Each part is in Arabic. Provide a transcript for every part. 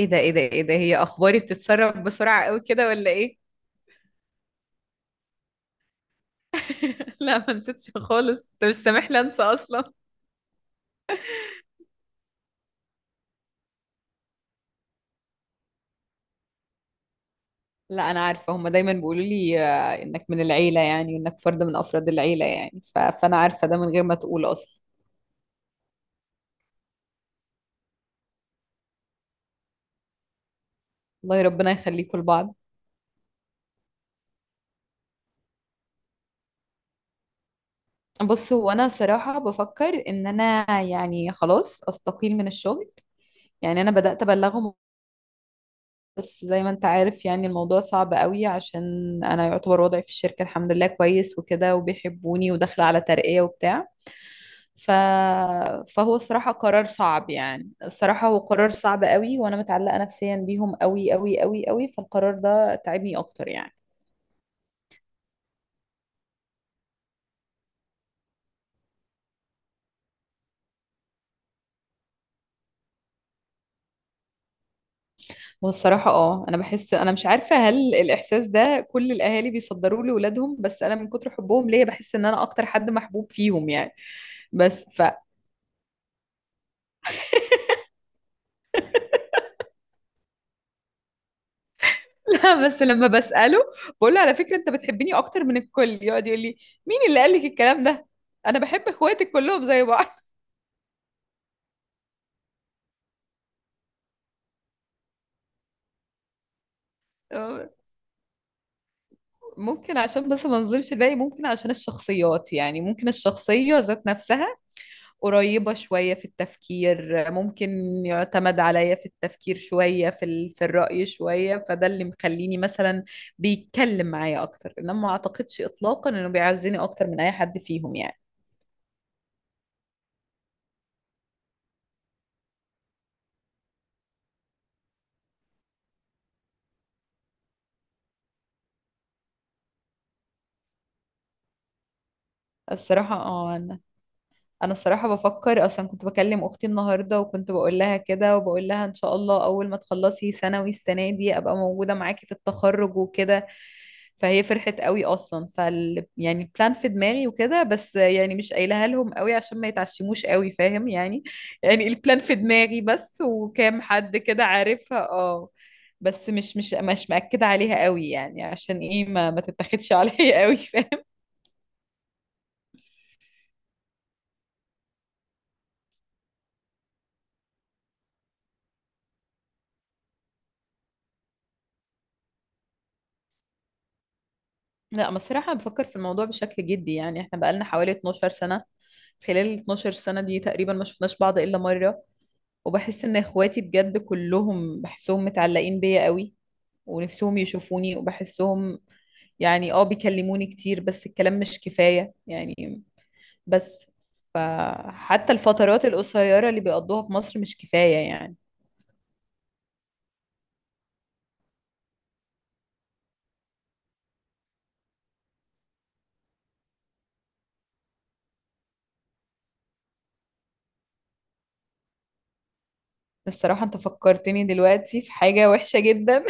ايه ده ايه ده ايه ده هي اخباري بتتسرب بسرعة قوي كده ولا ايه؟ لا ما نسيتش خالص، انت مش سامح لي انسى اصلا. لا انا عارفة، هما دايما بيقولوا لي آه، انك من العيلة يعني، وانك فرد من افراد العيلة يعني. فانا عارفة ده من غير ما تقول اصلا. الله ربنا يخليكم لبعض. بص، هو انا صراحة بفكر ان انا يعني خلاص استقيل من الشغل. يعني انا بدأت ابلغهم. بس زي ما انت عارف يعني الموضوع صعب قوي، عشان انا يعتبر وضعي في الشركة الحمد لله كويس وكده، وبيحبوني وداخلة على ترقية وبتاع. ف... فهو الصراحة قرار صعب، يعني الصراحة هو قرار صعب قوي، وأنا متعلقة نفسيا بيهم قوي قوي قوي قوي، فالقرار ده تعبني أكتر يعني. والصراحة اه أنا بحس، أنا مش عارفة هل الإحساس ده كل الأهالي بيصدروه لأولادهم، بس أنا من كتر حبهم ليا بحس إن أنا أكتر حد محبوب فيهم يعني. بس ف لا، بس لما بسأله بقول له على فكرة أنت بتحبني أكتر من الكل، يقعد يقول لي مين اللي قال لك الكلام ده؟ أنا بحب إخواتك كلهم زي بعض. ممكن عشان بس ما نظلمش الباقي، ممكن عشان الشخصيات يعني، ممكن الشخصية ذات نفسها قريبة شوية في التفكير، ممكن يعتمد عليا في التفكير شوية، في في الرأي شوية، فده اللي مخليني مثلا بيتكلم معايا أكتر. إنما ما أعتقدش إطلاقا إنه بيعزني أكتر من أي حد فيهم يعني. الصراحة اه، انا الصراحه بفكر اصلا. كنت بكلم اختي النهارده وكنت بقول لها كده، وبقول لها ان شاء الله اول ما تخلصي ثانوي السنه دي ابقى موجوده معاكي في التخرج وكده. فهي فرحت قوي اصلا، فال يعني بلان في دماغي وكده، بس يعني مش قايلها لهم قوي عشان ما يتعشموش قوي، فاهم يعني. يعني البلان في دماغي بس، وكام حد كده عارفها اه. بس مش مأكدة عليها قوي يعني، عشان ايه ما تتاخدش عليا قوي. لا انا الصراحة بفكر في الموضوع بشكل جدي، يعني احنا بقالنا حوالي 12 سنة. خلال ال 12 سنة دي تقريبا ما شفناش بعض إلا مرة، وبحس إن إخواتي بجد كلهم بحسهم متعلقين بيا قوي، ونفسهم يشوفوني وبحسهم. يعني اه بيكلموني كتير بس الكلام مش كفاية يعني. بس فحتى الفترات القصيرة اللي بيقضوها في مصر مش كفاية يعني. الصراحة انت فكرتني دلوقتي في حاجة وحشة جدا.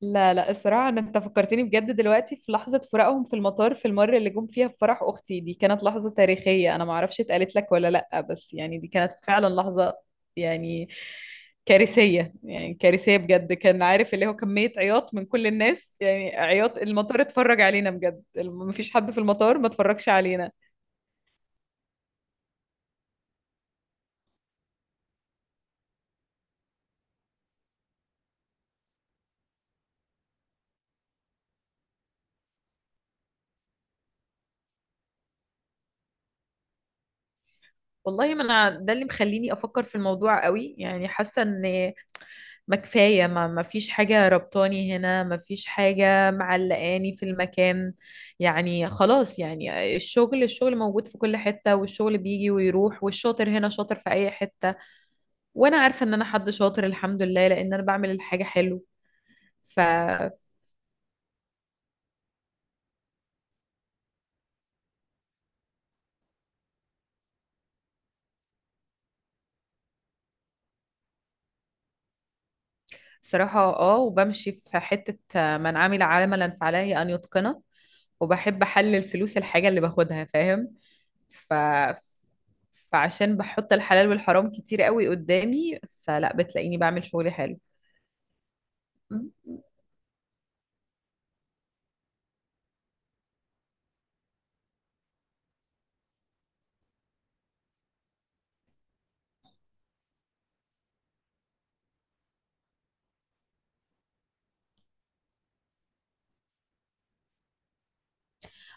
لا لا، الصراحة أنا أنت فكرتني بجد دلوقتي في لحظة فراقهم في المطار، في المرة اللي جم فيها في فرح أختي دي، كانت لحظة تاريخية. أنا معرفش اتقالت لك ولا لأ، بس يعني دي كانت فعلا لحظة يعني كارثية، يعني كارثية بجد. كان عارف اللي هو كمية عياط من كل الناس، يعني عياط، المطار اتفرج علينا بجد. مفيش حد في المطار ما اتفرجش علينا. والله ما أنا ده اللي مخليني أفكر في الموضوع قوي، يعني حاسة إن ما كفاية، ما فيش حاجة ربطاني هنا، ما فيش حاجة معلقاني في المكان. يعني خلاص، يعني الشغل، الشغل موجود في كل حتة، والشغل بيجي ويروح، والشاطر هنا شاطر في أي حتة. وأنا عارفة إن أنا حد شاطر الحمد لله، لأن أنا بعمل الحاجة حلو. فصراحة اه، وبمشي في حتة من عمل عملا فعليه أن يتقنه، وبحب أحلل فلوس الحاجة اللي باخدها، فاهم. ف... فعشان بحط الحلال والحرام كتير قوي قدامي، فلا بتلاقيني بعمل شغلي حلو. مم.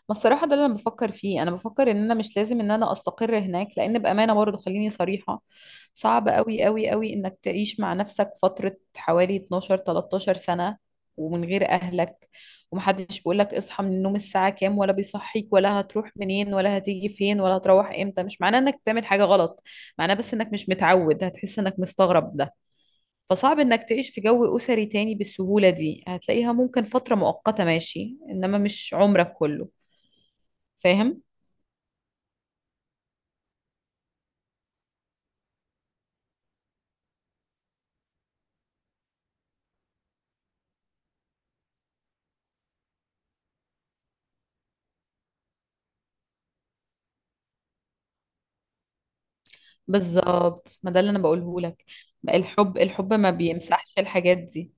ما الصراحة ده اللي أنا بفكر فيه. أنا بفكر إن أنا مش لازم إن أنا أستقر هناك، لأن بأمانة برضه خليني صريحة، صعب أوي أوي أوي إنك تعيش مع نفسك فترة حوالي 12 13 سنة ومن غير أهلك، ومحدش بيقولك اصحى من النوم الساعة كام، ولا بيصحيك، ولا هتروح منين، ولا هتيجي فين، ولا هتروح إمتى. مش معناه إنك بتعمل حاجة غلط، معناه بس إنك مش متعود، هتحس إنك مستغرب. فصعب انك تعيش في جو اسري تاني بالسهولة دي، هتلاقيها ممكن فترة مؤقتة ماشي، انما مش عمرك كله، فاهم. بالظبط، ما ده اللي انا بقوله لك. الحب، الحب ما بيمسحش الحاجات دي.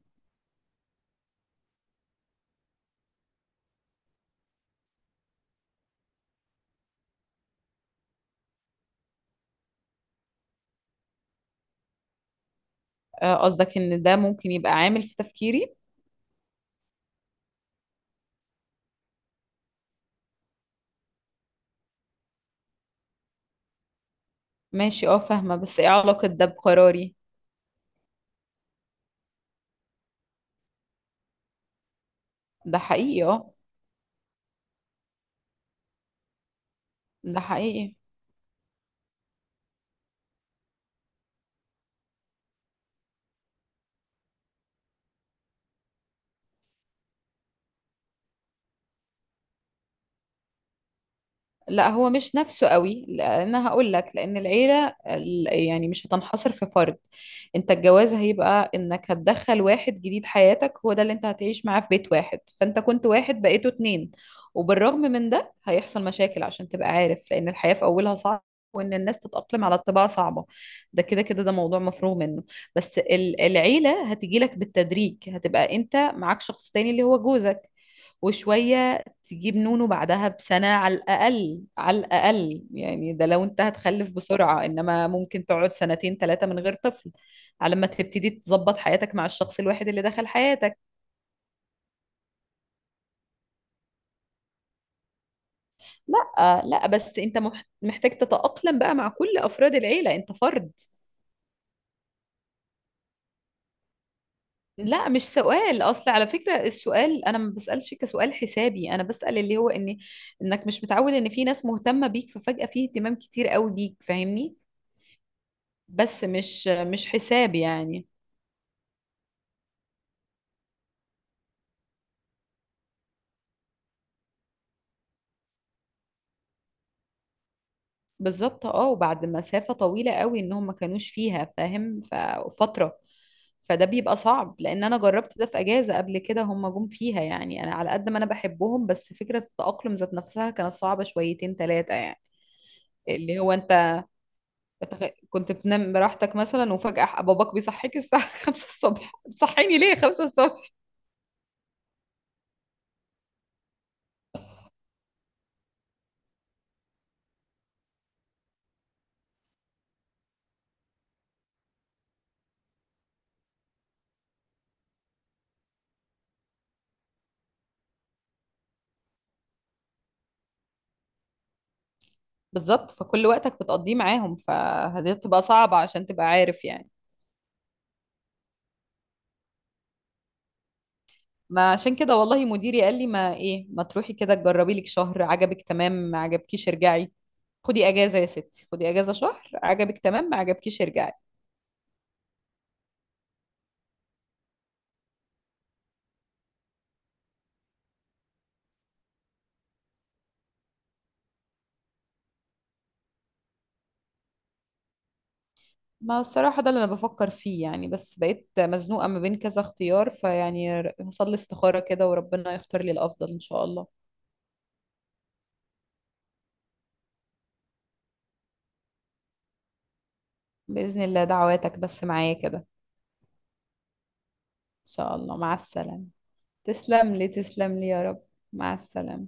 آه، قصدك ان ده ممكن يبقى عامل في تفكيري. ماشي اه فاهمة، بس ايه علاقة ده بقراري. ده حقيقي اه. ده حقيقي. لا هو مش نفسه قوي، لان هقول لك، لان العيله يعني مش هتنحصر في فرد. انت الجواز هيبقى انك هتدخل واحد جديد حياتك، هو ده اللي انت هتعيش معاه في بيت واحد. فانت كنت واحد بقيتوا اتنين، وبالرغم من ده هيحصل مشاكل عشان تبقى عارف، لان الحياه في اولها صعبه، وان الناس تتاقلم على الطباع صعبه. ده كده كده، ده موضوع مفروغ منه. بس العيله هتجي لك بالتدريج، هتبقى انت معاك شخص تاني اللي هو جوزك، وشوية تجيب نونو بعدها بسنة على الأقل، على الأقل يعني، ده لو أنت هتخلف بسرعة، إنما ممكن تقعد سنتين ثلاثة من غير طفل، على ما تبتدي تظبط حياتك مع الشخص الواحد اللي دخل حياتك. لا لا، بس أنت محتاج تتأقلم بقى مع كل أفراد العيلة، أنت فرد. لا مش سؤال، أصل على فكرة السؤال أنا ما بسألش كسؤال حسابي، أنا بسأل اللي هو إن إنك مش متعود إن في ناس مهتمة بيك، ففجأة في اهتمام كتير قوي بيك، فاهمني. بس مش، مش حساب يعني. بالظبط اه، وبعد مسافة طويلة قوي انهم ما كانوش فيها فاهم، ففترة فده بيبقى صعب. لان انا جربت ده في اجازة قبل كده، هم جم فيها، يعني انا على قد ما انا بحبهم، بس فكرة التأقلم ذات نفسها كانت صعبة شويتين ثلاثة يعني. اللي هو انت كنت بتنام براحتك مثلا، وفجأة باباك بيصحيك الساعة 5 الصبح، بتصحيني ليه 5 الصبح؟ بالظبط، فكل وقتك بتقضيه معاهم، فدي بتبقى صعبة عشان تبقى عارف يعني. ما عشان كده والله مديري قال لي، ما ايه ما تروحي كده تجربي لك شهر، عجبك تمام، ما عجبكيش ارجعي، خدي اجازة يا ستي، خدي اجازة شهر، عجبك تمام، ما عجبكيش ارجعي. ما الصراحة ده اللي انا بفكر فيه يعني، بس بقيت مزنوقة ما بين كذا اختيار. فيعني هصلي استخارة كده وربنا يختار لي الافضل ان شاء الله. بإذن الله، دعواتك بس معايا كده ان شاء الله. مع السلامة. تسلم لي تسلم لي يا رب. مع السلامة.